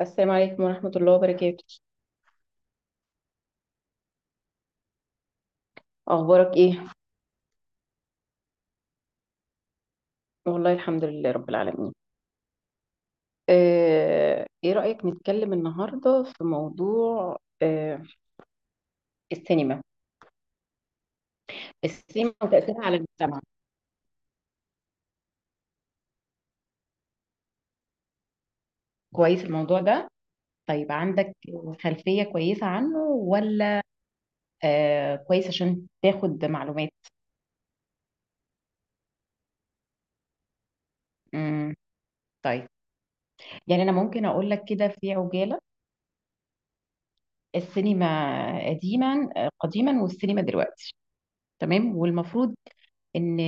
السلام عليكم ورحمة الله وبركاته. أخبارك إيه؟ والله الحمد لله رب العالمين. إيه رأيك نتكلم النهاردة في موضوع آه، السينما. السينما وتأثيرها على المجتمع. كويس الموضوع ده؟ طيب عندك خلفية كويسة عنه ولا كويس عشان تاخد معلومات؟ مم، طيب، يعني أنا ممكن أقول لك كده في عجالة. السينما قديما، قديما، والسينما دلوقتي. تمام، والمفروض ان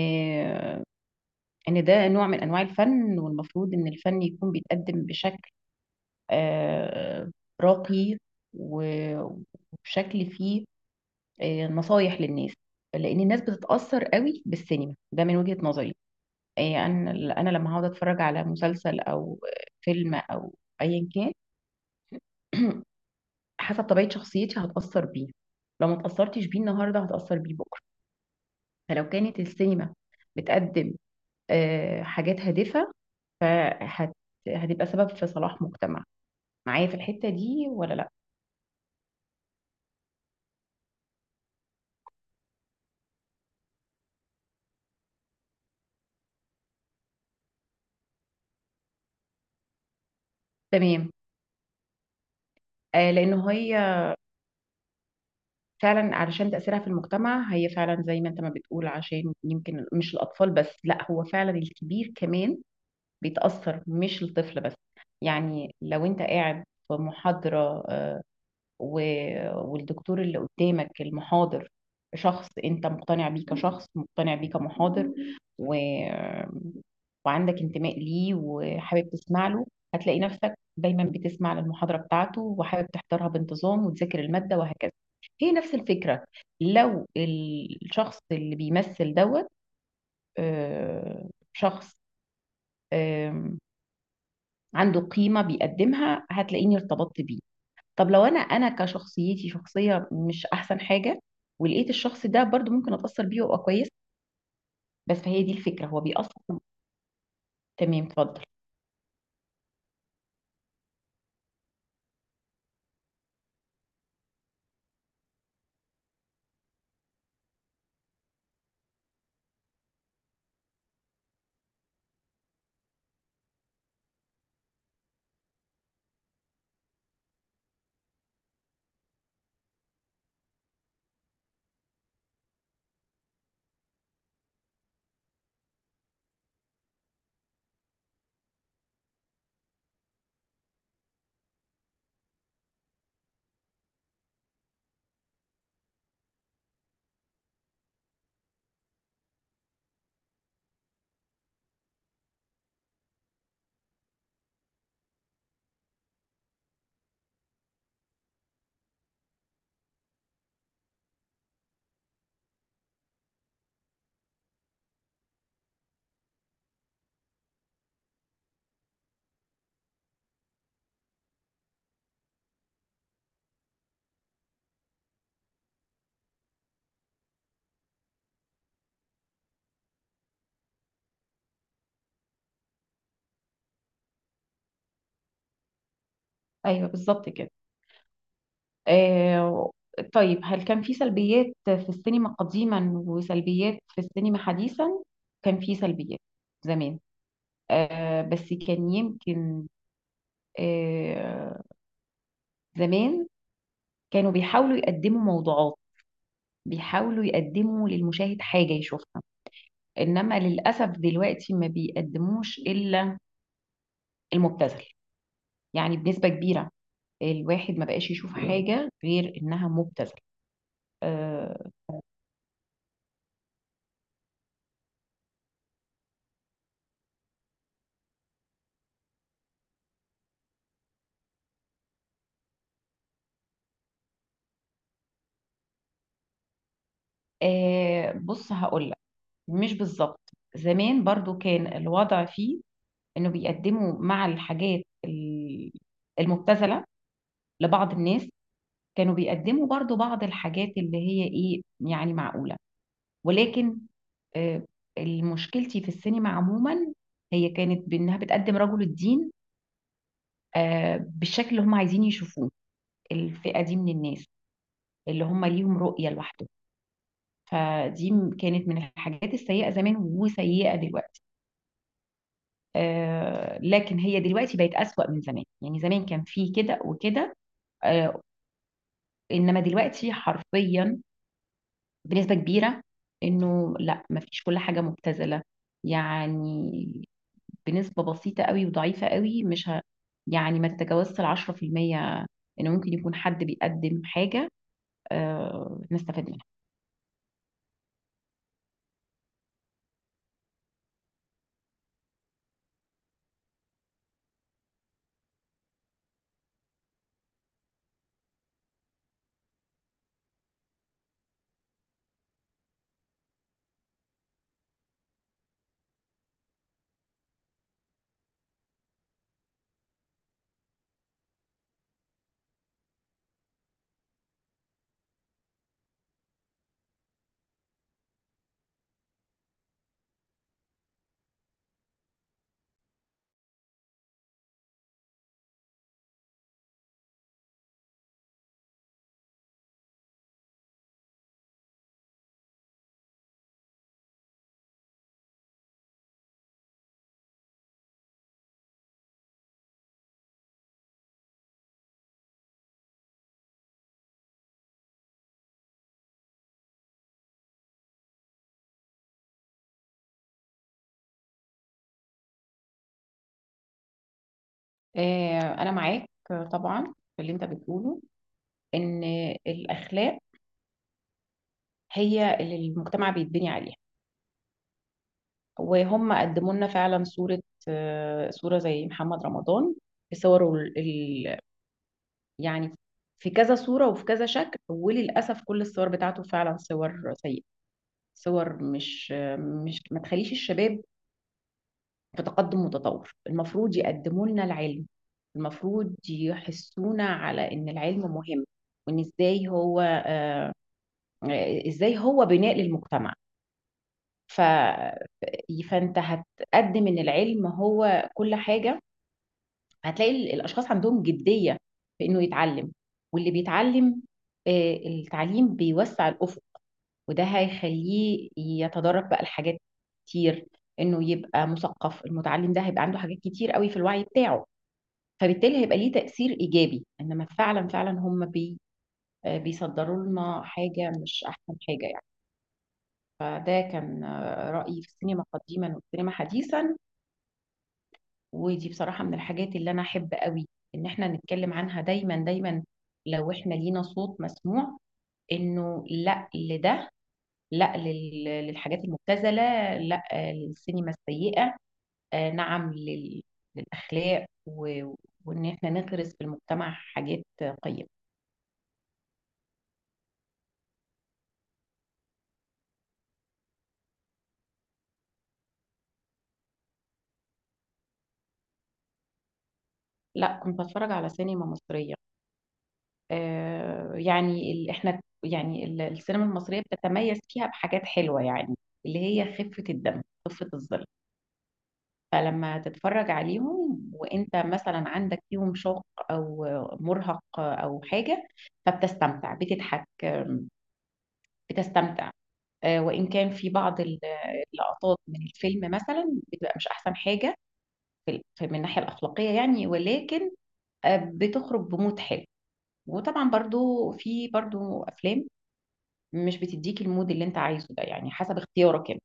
ان ده نوع من انواع الفن، والمفروض ان الفن يكون بيتقدم بشكل آه، راقي، و- وبشكل فيه نصايح للناس، لان الناس بتتاثر قوي بالسينما، ده من وجهه نظري. آه، انا انا لما هقعد اتفرج على مسلسل او فيلم او ايا كان حسب طبيعه شخصيتي هتاثر بيه. لو ما اتاثرتش بيه النهارده هتاثر بيه بكره. فلو كانت السينما بتقدم حاجات هادفه، فهت هتبقى سبب في صلاح مجتمع. معايا في الحتة دي ولا لا؟ تمام. آه، لأنه هي فعلا علشان تأثيرها في المجتمع، هي فعلا زي ما انت ما بتقول، عشان يمكن مش الأطفال بس، لا هو فعلا الكبير كمان بيتأثر، مش الطفل بس. يعني لو انت قاعد في محاضرة، والدكتور اللي قدامك المحاضر شخص انت مقتنع بيه كشخص، مقتنع بيه كمحاضر، و... وعندك انتماء ليه وحابب تسمع له، هتلاقي نفسك دايما بتسمع للمحاضرة بتاعته وحابب تحضرها بانتظام وتذاكر المادة وهكذا. هي نفس الفكرة. لو الشخص اللي بيمثل دوت شخص آم، عنده قيمة بيقدمها، هتلاقيني ارتبطت بيه. طب لو انا كشخصيتي، شخصيه مش احسن حاجه، ولقيت الشخص ده برضو ممكن اتاثر بيه وابقى كويس. بس فهي دي الفكره، هو بيأثر. تمام، اتفضل. ايوه بالظبط كده. آه. طيب هل كان في سلبيات في السينما قديما وسلبيات في السينما حديثا؟ كان في سلبيات زمان، آه، بس كان يمكن، آه زمان كانوا بيحاولوا يقدموا موضوعات، بيحاولوا يقدموا للمشاهد حاجه يشوفها. انما للاسف دلوقتي ما بيقدموش الا المبتذل، يعني بنسبه كبيره. الواحد ما بقاش يشوف حاجه غير انها مبتذل. آه. آه، بص هقول لك، مش بالظبط. زمان برضو كان الوضع فيه انه بيقدموا مع الحاجات المبتذله لبعض الناس، كانوا بيقدموا برضو بعض الحاجات اللي هي ايه، يعني معقوله. ولكن آه، مشكلتي في السينما عموما هي كانت بانها بتقدم رجل الدين بالشكل اللي هم عايزين يشوفوه، الفئة دي من الناس اللي هم ليهم رؤية لوحده. فدي كانت من الحاجات السيئة زمان وسيئة دلوقتي. آه، لكن هي دلوقتي بقت أسوأ من زمان، يعني زمان كان في كده وكده، آه، إنما دلوقتي حرفيا بنسبة كبيرة، إنه لا مفيش، كل حاجة مبتذلة، يعني بنسبة بسيطة قوي وضعيفة قوي، مش ه... يعني ما تتجاوزش 10% إنه ممكن يكون حد بيقدم حاجة نستفاد منها. أنا معاك، طبعا، في اللي أنت بتقوله، إن الأخلاق هي اللي المجتمع بيتبني عليها. وهم قدموا لنا فعلا صورة، صورة زي محمد رمضان، في صوره ال... ال- يعني في كذا صورة وفي كذا شكل، وللأسف كل الصور بتاعته فعلا صور سيئة، صور مش، مش ما تخليش الشباب في تقدم متطور. المفروض يقدموا لنا العلم، المفروض يحسونا على ان العلم مهم، وان ازاي هو ازاي هو بناء للمجتمع. ف... فانت هتقدم ان العلم هو كل حاجه، هتلاقي الاشخاص عندهم جديه في انه يتعلم. واللي بيتعلم التعليم بيوسع الافق، وده هيخليه يتدرج بقى لحاجات كتير، انه يبقى مثقف. المتعلم ده هيبقى عنده حاجات كتير قوي في الوعي بتاعه، فبالتالي هيبقى ليه تأثير إيجابي. إنما فعلا فعلا هم بي آه، بيصدروا لنا حاجة مش أحسن حاجة يعني. فده كان رأيي في السينما قديما والسينما حديثا. ودي بصراحة من الحاجات اللي أنا أحب قوي إن إحنا نتكلم عنها دايما دايما، لو إحنا لينا صوت مسموع، إنه لأ لده، لأ للحاجات المبتذلة، لأ للسينما السيئة، نعم للأخلاق، وإن إحنا نغرس في المجتمع حاجات قيمة. لا كنت بتفرج على سينما مصرية. آه، يعني احنا يعني السينما المصرية بتتميز فيها بحاجات حلوة يعني، اللي هي خفة الدم، خفة الظل. فلما تتفرج عليهم وانت مثلا عندك فيهم شوق او مرهق او حاجة، فبتستمتع، بتضحك، بتستمتع. آه، وان كان في بعض اللقطات من الفيلم مثلا بتبقى مش احسن حاجة من الناحية الأخلاقية يعني، ولكن بتخرج بمود حلو. وطبعا برضو في برضو افلام مش بتديك المود اللي انت عايزه ده، يعني حسب اختيارك انت.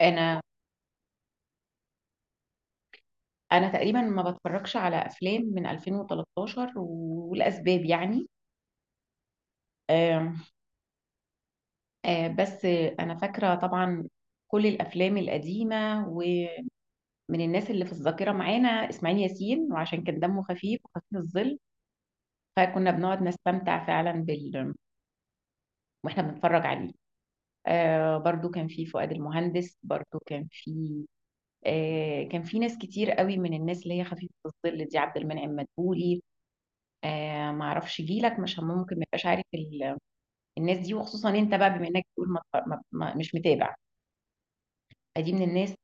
انا انا تقريبا ما بتفرجش على افلام من 2013، والاسباب يعني، آم، آه، بس انا فاكره طبعا كل الافلام القديمه، ومن الناس اللي في الذاكره معانا اسماعيل ياسين، وعشان كان دمه خفيف وخفيف الظل، فكنا بنقعد نستمتع فعلا واحنا بنتفرج عليه. آه، برضو كان في فؤاد المهندس، برضو كان في ناس كتير قوي من الناس اللي هي خفيفة الظل دي، عبد المنعم مدبولي. ما اعرفش جيلك مش ممكن ما يبقاش عارف الناس دي، وخصوصا انت بقى بما انك بتقول ما مش متابع. دي من الناس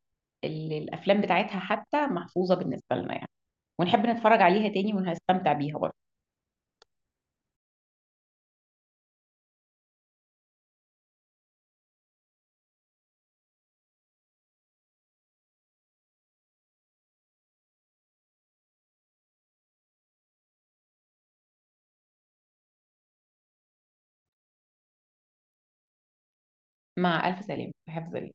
اللي الافلام بتاعتها حتى محفوظة بالنسبة لنا يعني، ونحب نتفرج عليها تاني وهستمتع بيها برضه. مع الف سلامة في حفظ الله.